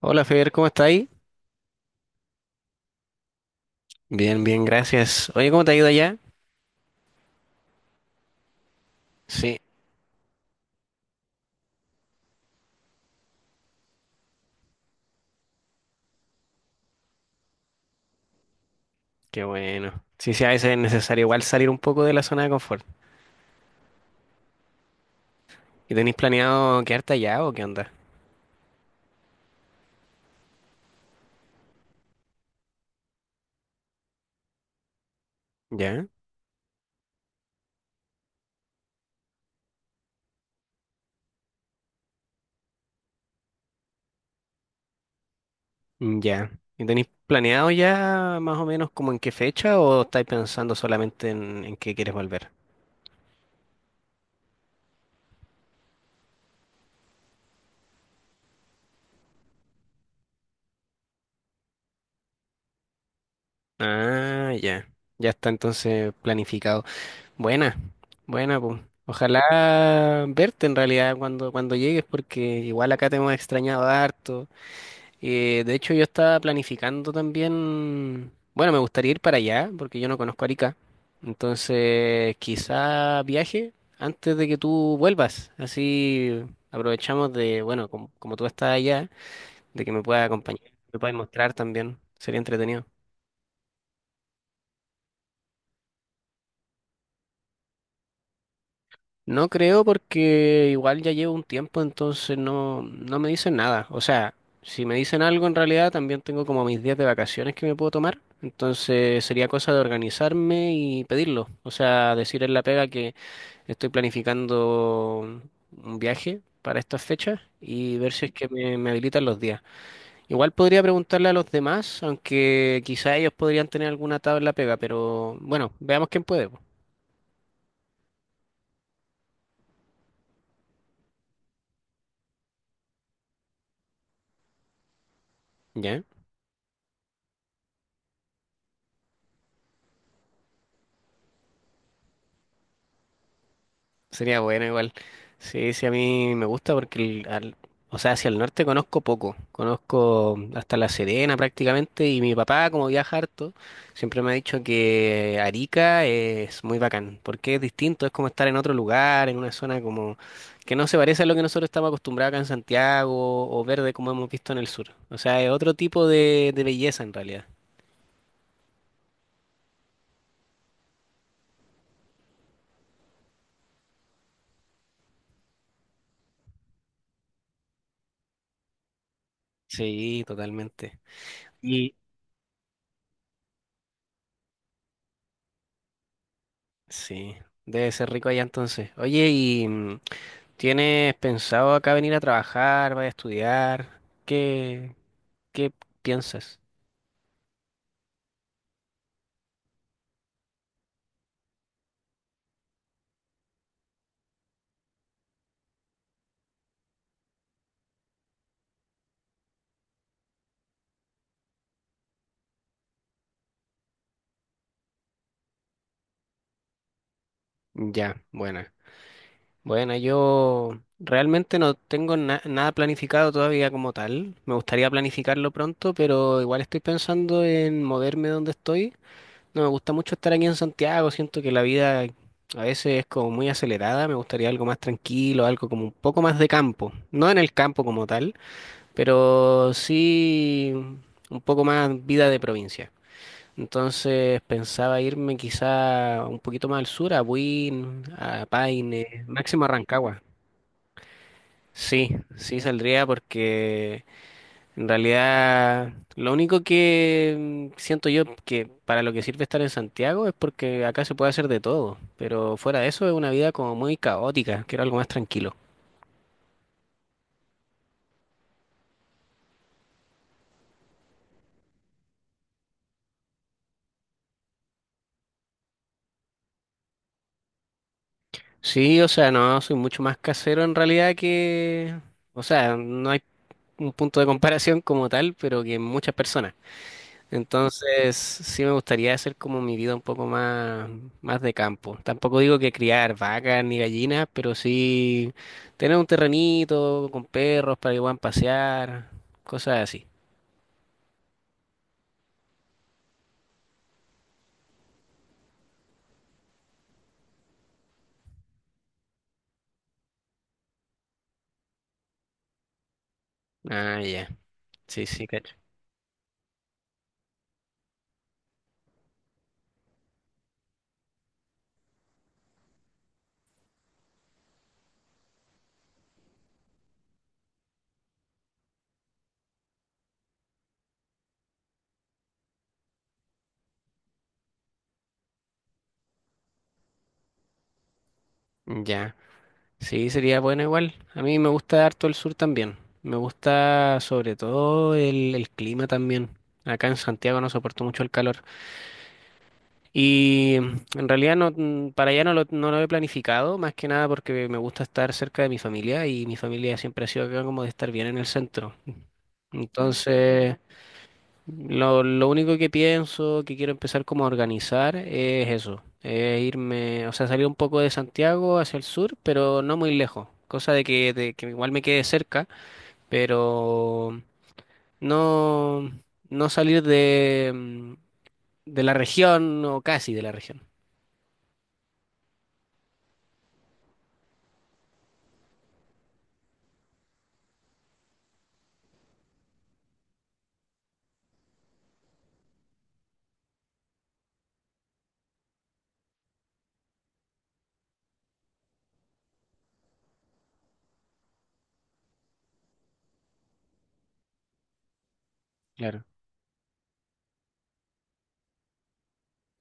Hola Fer, ¿cómo estáis? Bien, bien, gracias. Oye, ¿cómo te ha ido allá? Sí, qué bueno. Sí, sí, a veces es necesario igual salir un poco de la zona de confort. ¿Y tenéis planeado quedarte allá o qué onda? ¿Ya? Mm, ya. ¿Y tenéis planeado ya más o menos como en qué fecha o estáis pensando solamente en qué quieres volver? Ah, ya. Ya está entonces planificado. Buena, buena, pues. Ojalá verte en realidad cuando llegues porque igual acá te hemos extrañado harto. De hecho, yo estaba planificando también, bueno, me gustaría ir para allá porque yo no conozco Arica. Entonces, quizá viaje antes de que tú vuelvas. Así aprovechamos de, bueno, como, como tú estás allá, de que me puedas acompañar, me puedas mostrar también. Sería entretenido. No creo porque igual ya llevo un tiempo, entonces no me dicen nada. O sea, si me dicen algo en realidad, también tengo como mis días de vacaciones que me puedo tomar. Entonces sería cosa de organizarme y pedirlo. O sea, decir en la pega que estoy planificando un viaje para estas fechas y ver si es que me habilitan los días. Igual podría preguntarle a los demás, aunque quizá ellos podrían tener alguna tabla pega, pero bueno, veamos quién puede po. ¿Ya? Sería bueno igual. Sí, sí, a mí me gusta porque, o sea, hacia el norte conozco poco. Conozco hasta La Serena prácticamente y mi papá, como viaja harto, siempre me ha dicho que Arica es muy bacán porque es distinto, es como estar en otro lugar, en una zona como que no se parece a lo que nosotros estamos acostumbrados acá en Santiago o verde como hemos visto en el sur. O sea, es otro tipo de belleza en realidad. Sí, totalmente. Y sí, debe ser rico allá entonces. Oye, y... ¿Tienes pensado acá venir a trabajar, vas a estudiar? Qué piensas? Ya, buena. Bueno, yo realmente no tengo nada planificado todavía como tal. Me gustaría planificarlo pronto, pero igual estoy pensando en moverme donde estoy. No me gusta mucho estar aquí en Santiago, siento que la vida a veces es como muy acelerada, me gustaría algo más tranquilo, algo como un poco más de campo. No en el campo como tal, pero sí un poco más vida de provincia. Entonces pensaba irme quizá un poquito más al sur, a Buin, a Paine, máximo a Rancagua. Sí, sí saldría porque en realidad lo único que siento yo que para lo que sirve estar en Santiago es porque acá se puede hacer de todo, pero fuera de eso es una vida como muy caótica, quiero algo más tranquilo. Sí, o sea, no, soy mucho más casero en realidad que, o sea, no hay un punto de comparación como tal, pero que en muchas personas. Entonces, sí me gustaría hacer como mi vida un poco más, más de campo. Tampoco digo que criar vacas ni gallinas, pero sí tener un terrenito con perros para que puedan pasear, cosas así. Ah, ya. Sí, sí, cacho. Ya. Sí, sería bueno igual. A mí me gusta harto el sur también. Me gusta sobre todo el clima también. Acá en Santiago no soporto mucho el calor. Y en realidad no, para allá no no lo he planificado, más que nada porque me gusta estar cerca de mi familia y mi familia siempre ha sido acá como de estar bien en el centro. Entonces, lo único que pienso, que quiero empezar como a organizar es eso, es irme, o sea, salir un poco de Santiago hacia el sur, pero no muy lejos, cosa de que igual me quede cerca, pero no, no salir de, de la región o casi de la región. Claro.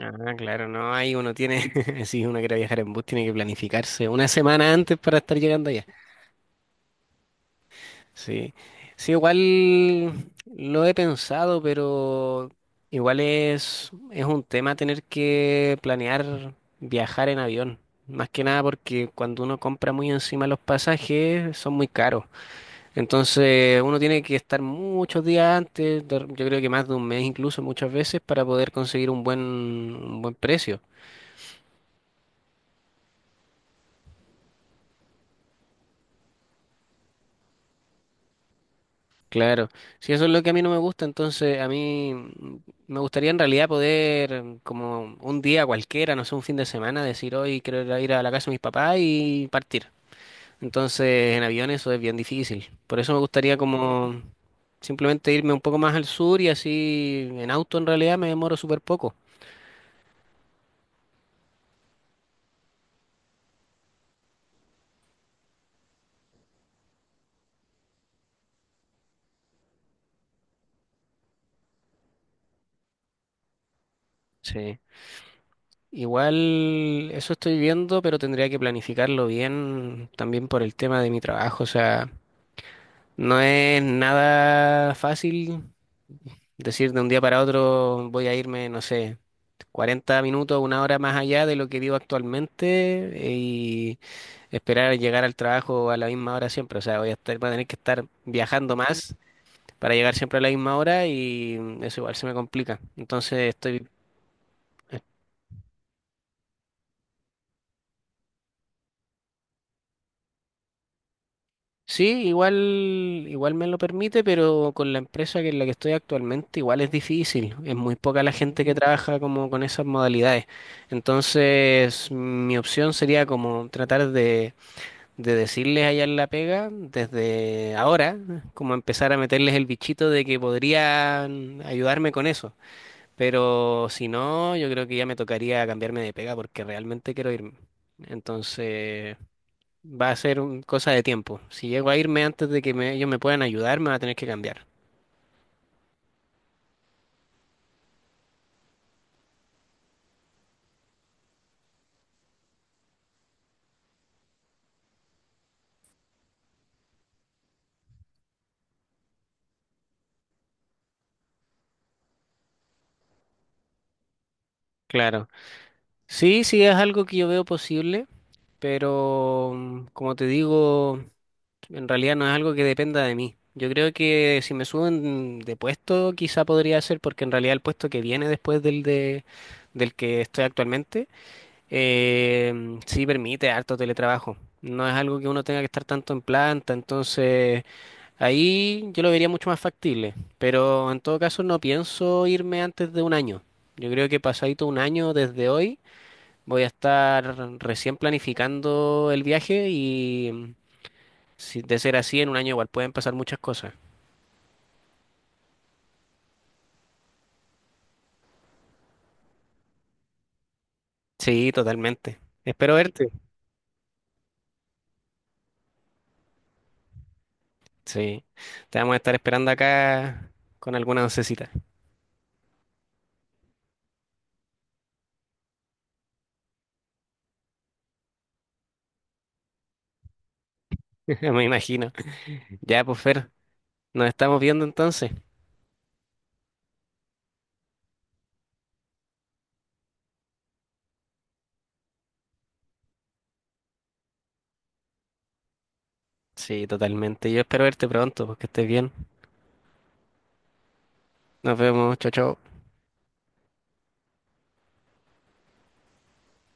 Ah, claro, no, ahí uno tiene, si uno quiere viajar en bus, tiene que planificarse una semana antes para estar llegando allá. Sí, sí, igual lo he pensado, pero igual es un tema tener que planear viajar en avión. Más que nada porque cuando uno compra muy encima los pasajes son muy caros. Entonces uno tiene que estar muchos días antes, yo creo que más de un mes incluso muchas veces, para poder conseguir un buen precio. Claro, si eso es lo que a mí no me gusta, entonces a mí me gustaría en realidad poder, como un día cualquiera, no sé, un fin de semana, decir hoy quiero ir a la casa de mis papás y partir. Entonces en avión eso es bien difícil. Por eso me gustaría como simplemente irme un poco más al sur y así en auto en realidad me demoro súper poco. Sí. Igual eso estoy viendo, pero tendría que planificarlo bien también por el tema de mi trabajo. O sea, no es nada fácil decir de un día para otro voy a irme, no sé, 40 minutos, una hora más allá de lo que vivo actualmente y esperar llegar al trabajo a la misma hora siempre. O sea, voy a tener que estar viajando más para llegar siempre a la misma hora y eso igual se me complica. Entonces estoy, eh, sí, igual, igual me lo permite, pero con la empresa que en la que estoy actualmente igual es difícil. Es muy poca la gente que trabaja como con esas modalidades. Entonces, mi opción sería como tratar de decirles allá en la pega desde ahora, como empezar a meterles el bichito de que podrían ayudarme con eso. Pero si no, yo creo que ya me tocaría cambiarme de pega porque realmente quiero irme. Entonces, va a ser cosa de tiempo. Si llego a irme antes de que ellos me puedan ayudar, me va a tener que cambiar. Claro. Sí, sí, es algo que yo veo posible, pero como te digo... En realidad no es algo que dependa de mí. Yo creo que si me suben de puesto, quizá podría ser porque en realidad el puesto que viene después del que estoy actualmente, sí permite harto teletrabajo. No es algo que uno tenga que estar tanto en planta, entonces ahí yo lo vería mucho más factible. Pero en todo caso no pienso irme antes de un año. Yo creo que pasadito un año desde hoy voy a estar recién planificando el viaje y si de ser así, en un año igual pueden pasar muchas cosas. Sí, totalmente. Espero verte. Sí. Te vamos a estar esperando acá con alguna oncecita, me imagino. Ya, pues Fer, nos estamos viendo entonces. Sí, totalmente. Yo espero verte pronto, porque estés bien. Nos vemos. Chao, chao.